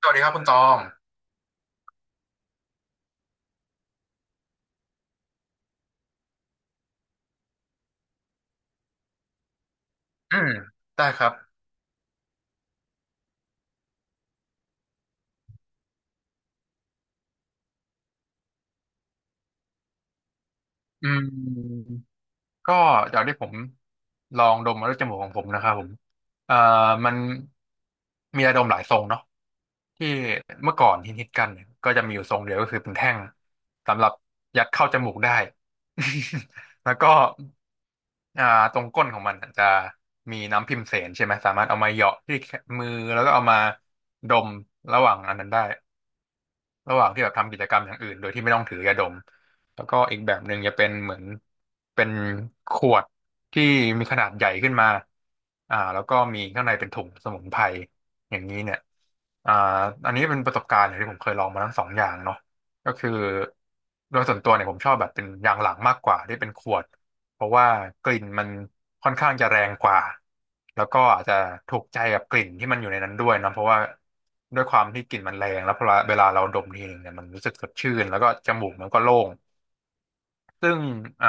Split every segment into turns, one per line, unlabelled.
สวัสดีครับคุณตองอืมได้ครับอืมก็จากที่ผมลองดมมาด้วยจมูกของผมนะครับผมเอ่อมันมียาดมหลายทรงเนาะที่เมื่อก่อนฮิตๆกันเนี่ยก็จะมีอยู่ทรงเดียวก็คือเป็นแท่งสำหรับยัดเข้าจมูกได้ แล้วก็อ่าตรงก้นของมันอาจจะมีน้ำพิมเสนใช่ไหมสามารถเอามาเหยาะที่มือแล้วก็เอามาดมระหว่างอันนั้นได้ ระหว่างที่แบบทำกิจกรรมอย่างอื่นโดยที่ไม่ต้องถือยาดม แล้วก็อีกแบบหนึ่งจะเป็นเหมือนเป็นขวดที่มีขนาดใหญ่ขึ้นมาแล้วก็มีข้างในเป็นถุงสมุนไพรอย่างนี้เนี่ยอ่าอันนี้เป็นประสบการณ์ที่ผมเคยลองมาทั้งสองอย่างเนาะก็คือโดยส่วนตัวเนี่ยผมชอบแบบเป็นอย่างหลังมากกว่าที่เป็นขวด เพราะว่ากลิ่นมันค่อนข้างจะแรงกว่าแล้วก็อาจจะถูกใจกับกลิ่นที่มันอยู่ในนั้นด้วยนะเพราะว่าด้วยความที่กลิ่นมันแรงแล้วพอเวลาเราดมทีหนึ่งเนี่ยมันรู้สึกสดชื่นแล้วก็จมูกมันก็โล่งซึ่งอ่า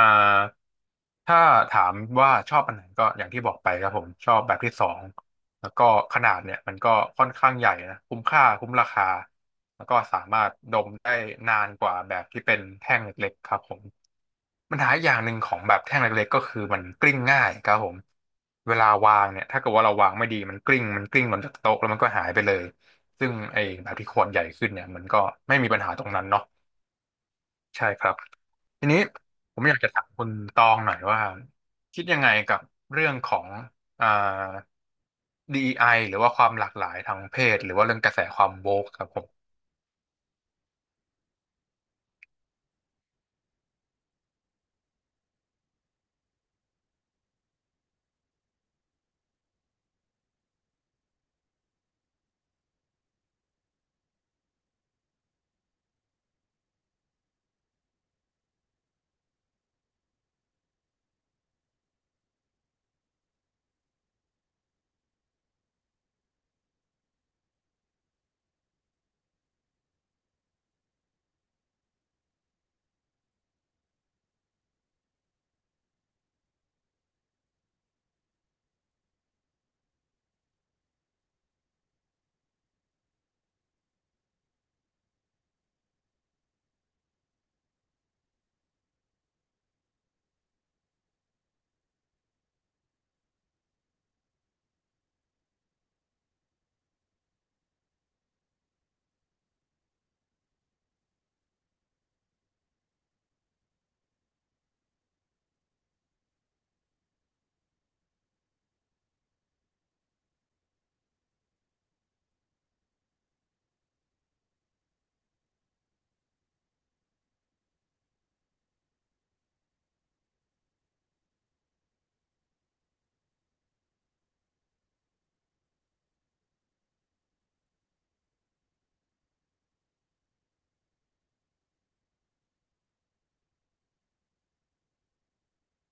ถ้าถามว่าชอบอันไหนก็อย่างที่บอกไปครับผมชอบแบบที่สองแล้วก็ขนาดเนี่ยมันก็ค่อนข้างใหญ่นะคุ้มค่าคุ้มราคาแล้วก็สามารถดมได้นานกว่าแบบที่เป็นแท่งเล็กๆครับผม ปัญหาอย่างหนึ่งของแบบแท่งเล็กๆก็คือมันกลิ้งง่ายครับผมเวลาวางเนี่ยถ้าเกิดว่าเราวางไม่ดีมันกลิ้งหล่นจากโต๊ะแล้วมันก็หายไปเลยซึ่งไอ้แบบที่ขวดใหญ่ขึ้นเนี่ยมันก็ไม่มีปัญหาตรงนั้นเนาะใช่ครับทีนี้ผมอยากจะถามคุณตองหน่อยว่าคิดยังไงกับเรื่องของอ่า DEI หรือว่าความหลากหลายทางเพศหรือว่าเรื่องกระแสความโวกครับผม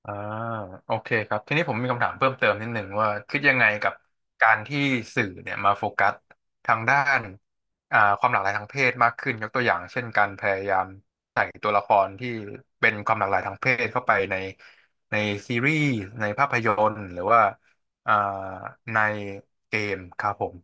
อ่าโอเคครับทีนี้ผมมีคำถามเพิ่มเติมนิดหนึ่งว่าคิดยังไงกับการที่สื่อเนี่ยมาโฟกัสทางด้านความหลากหลายทางเพศมากขึ้นยกตัวอย่างเช่นการพยายามใส่ตัวละครที่เป็นความหลากหลายทางเพศเข้าไปในซีรีส์ในภาพยนตร์หรือว่าอ่าในเกมครับผม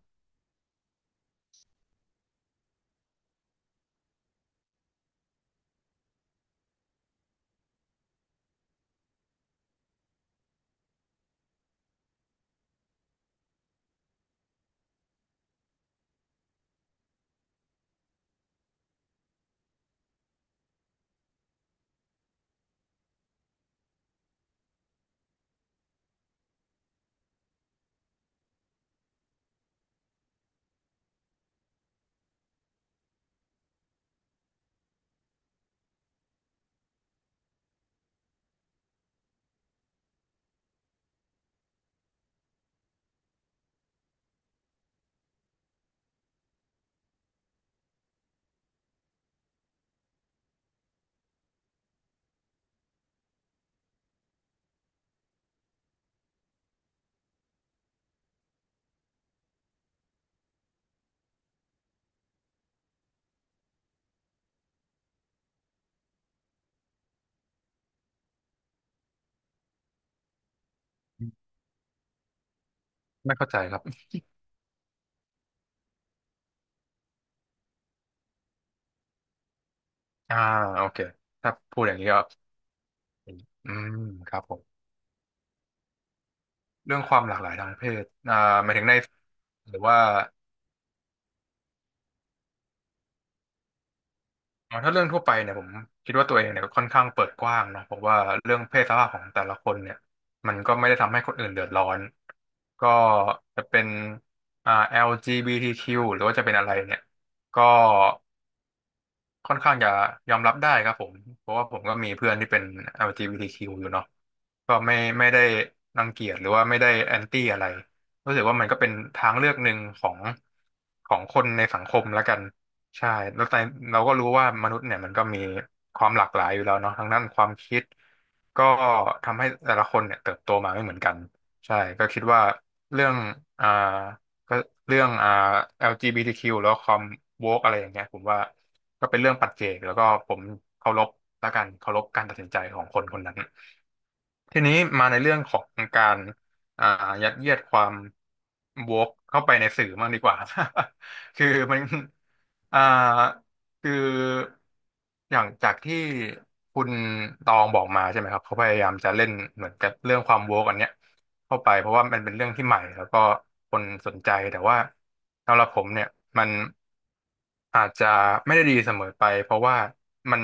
ไม่เข้าใจครับอ่าโอเคถ้าพูดอย่างนี้ก็อืมครับผมเรื่องความหลากหลายทางเพศอ่าหมายถึงในหรือว่า อ๋อถ้าเรื่องทั่วไปเนี่ยผมคิดว่าตัวเองเนี่ยค่อนข้างเปิดกว้างเนาะเพราะว่าเรื่องเพศสภาพของแต่ละคนเนี่ยมันก็ไม่ได้ทำให้คนอื่นเดือดร้อนก็จะเป็นอ่า LGBTQ หรือว่าจะเป็นอะไรเนี่ยก็ ค่อนข้างจะยอมรับได้ครับผมเพราะว่าผมก็มีเพื่อนที่เป็น LGBTQ อลจีบีทีคิวอยู่เนาะก็ไม่ได้รังเกียจหรือว่าไม่ได้แอนตี้อะไรรู้สึกว่ามันก็เป็นทางเลือกหนึ่งของคนในสังคมแล้วกันใช่แล้วแต่เราก็รู้ว่ามนุษย์เนี่ยมันก็มีความหลากหลายอยู่แล้วเนาะทั้งด้านความคิด ก็ทำให้แต่ละคนเนี่ยเติบโตมาไม่เหมือนกันใช่ก็คิดว่าเรื่องอ่าก็เรื่องLGBTQ แล้วความโวกอะไรอย่างเงี้ยผมว่าก็เป็นเรื่องปัจเจกแล้วก็ผมเคารพละกันเคารพการตัดสินใจของคนคนนั้น ทีนี้มาในเรื่องของการอ่ายัดเยียดความวกเข้าไปในสื่อมากดีกว่า คือมันอ่าคืออย่างจากที่คุณตองบอกมาใช่ไหมครับเขาพยายามจะเล่นเหมือนกับเรื่องความวกอันเนี้ยเข้าไปเพราะว่ามันเป็นเรื่องที่ใหม่แล้วก็คนสนใจแต่ว่าสำหรับผมเนี่ยมัน อาจจะไม่ได้ดีเสมอไปเพราะว่ามัน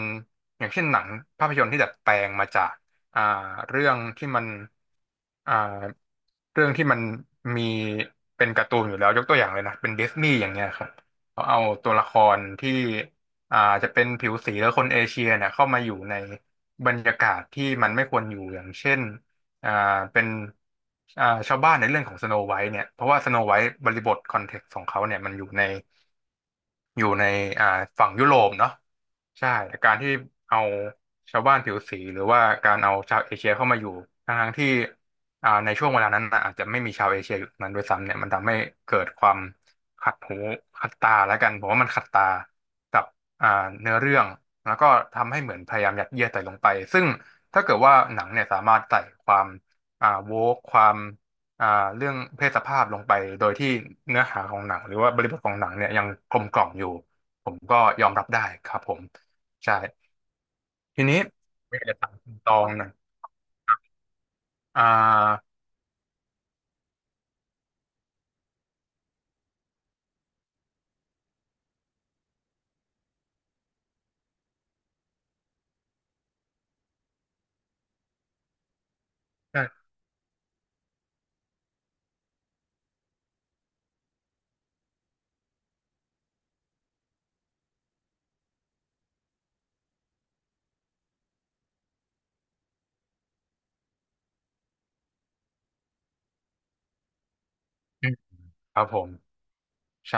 อย่างเช่นหนังภาพยนตร์ที่ดัดแปลงมาจากอ่าเรื่องที่มันอ่าเรื่องที่มันมีเป็นการ์ตูนอยู่แล้วยกตัวอย่างเลยนะเป็นดิสนีย์อย่างเงี้ยครับเขาเอาตัวละครที่จะเป็นผิวสีหรือคนเอเชียเนี่ยเข้ามาอยู่ในบรรยากาศที่มันไม่ควรอยู่อย่างเช่นอ่าเป็นชาวบ้านในเรื่องของสโนไวท์เนี่ยเพราะว่าสโนไวท์บริบทคอนเท็กซ์ของเขาเนี่ยมันอยู่ใน อยู่ในอ่าฝั่งยุโรปเนาะใช่แต่การที่เอาชาวบ้านผิวสีหรือว่าการเอาชาวเอเชียเข้ามาอยู่ทั้งๆที่ในช่วงเวลานั้นน่ะอาจจะไม่มีชาวเอเชียอยู่นั้นด้วยซ้ำเนี่ยมันทำให้เกิดความขัดหูขัดตาแล้วกันผมว่ามันขัดตากับอ่าเนื้อเรื่องแล้วก็ทำให้เหมือนพยายามยัดเยียดใส่ลงไปซึ่งถ้าเกิดว่าหนังเนี่ยสามารถใส่ความโวกความ อ่าเรื่องเพศสภาพลงไปโดยที่เนื้อหาของหนังหรือว่าบริบทของหนังเนี่ยยังกลมกล่อมอยู่ผมก็ยอมรับได้ครับผมใช่ทีนี้ผมอยากจะถามคุณตองหนะอ่าใช่อืมครับผมใช่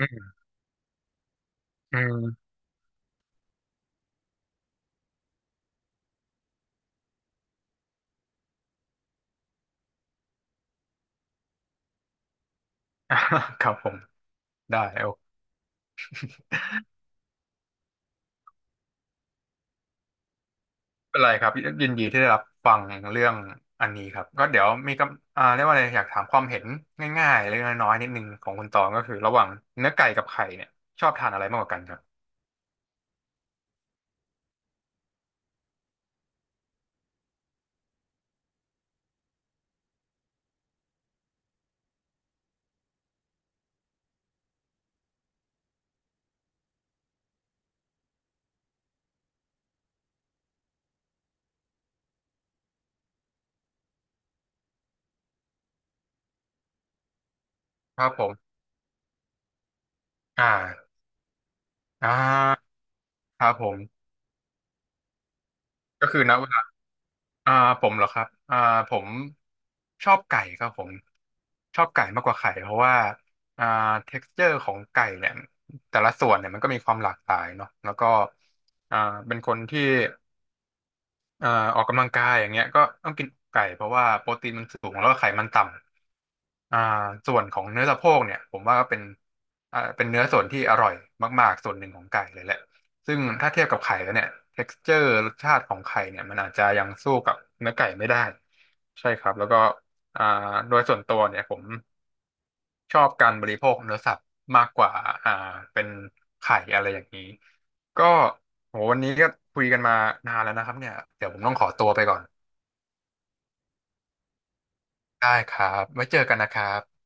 อืมอืม ครับผมได้โอไม่เป็นไรครับยินดีที่ได้รับฟังเรื่องอันนี้ครับก็เดี๋ยวมีกำเรียกว่าอะไรอยากถามความเห็นง่ายๆเล็กๆน้อยๆนิดนึงของคุณตองก็คือระหว่างเนื้อไก่กับไข่เนี่ยชอบทานอะไรมากกว่ากันครับครับผมอ่า อ่าครับผมก็คือณเวลาอ่าผมเหรอครับผมชอบไก่ครับผมชอบไก่มากกว่าไข่เพราะว่าอ่า texture ของไก่เนี่ยแต่ละส่วนเนี่ยมันก็มีความหลากหลายเนาะแล้วก็อ่าเป็นคนที่ อ่าออกกำลังกายอย่างเงี้ยก็ต้องกินไก่เพราะว่าโปรตีนมันสูงแล้วก็ไขมันต่ำส่วนของเนื้อสะโพกเนี่ยผมว่าก็เป็นเป็นเนื้อส่วนที่อร่อยมากๆส่วนหนึ่งของไก่เลยแหละซึ่งถ้าเทียบกับไข่แล้วเนี่ยเท็กซ์เจอร์รสชาติของไข่เนี่ยมันอาจจะยังสู้กับเนื้อไก่ไม่ได้ใช่ครับแล้วก็อ่าโดยส่วนตัวเนี่ยผม ชอบการบริโภคเนื้อสัตว์มากกว่าอ่าเป็นไข่อะไรอย่างนี้ก็โหวันนี้ก็คุยกันมานานแล้วนะครับเนี่ยเดี๋ยวผมต้องขอตัวไปก่อนได้ครับไว้เจอกันนะครับ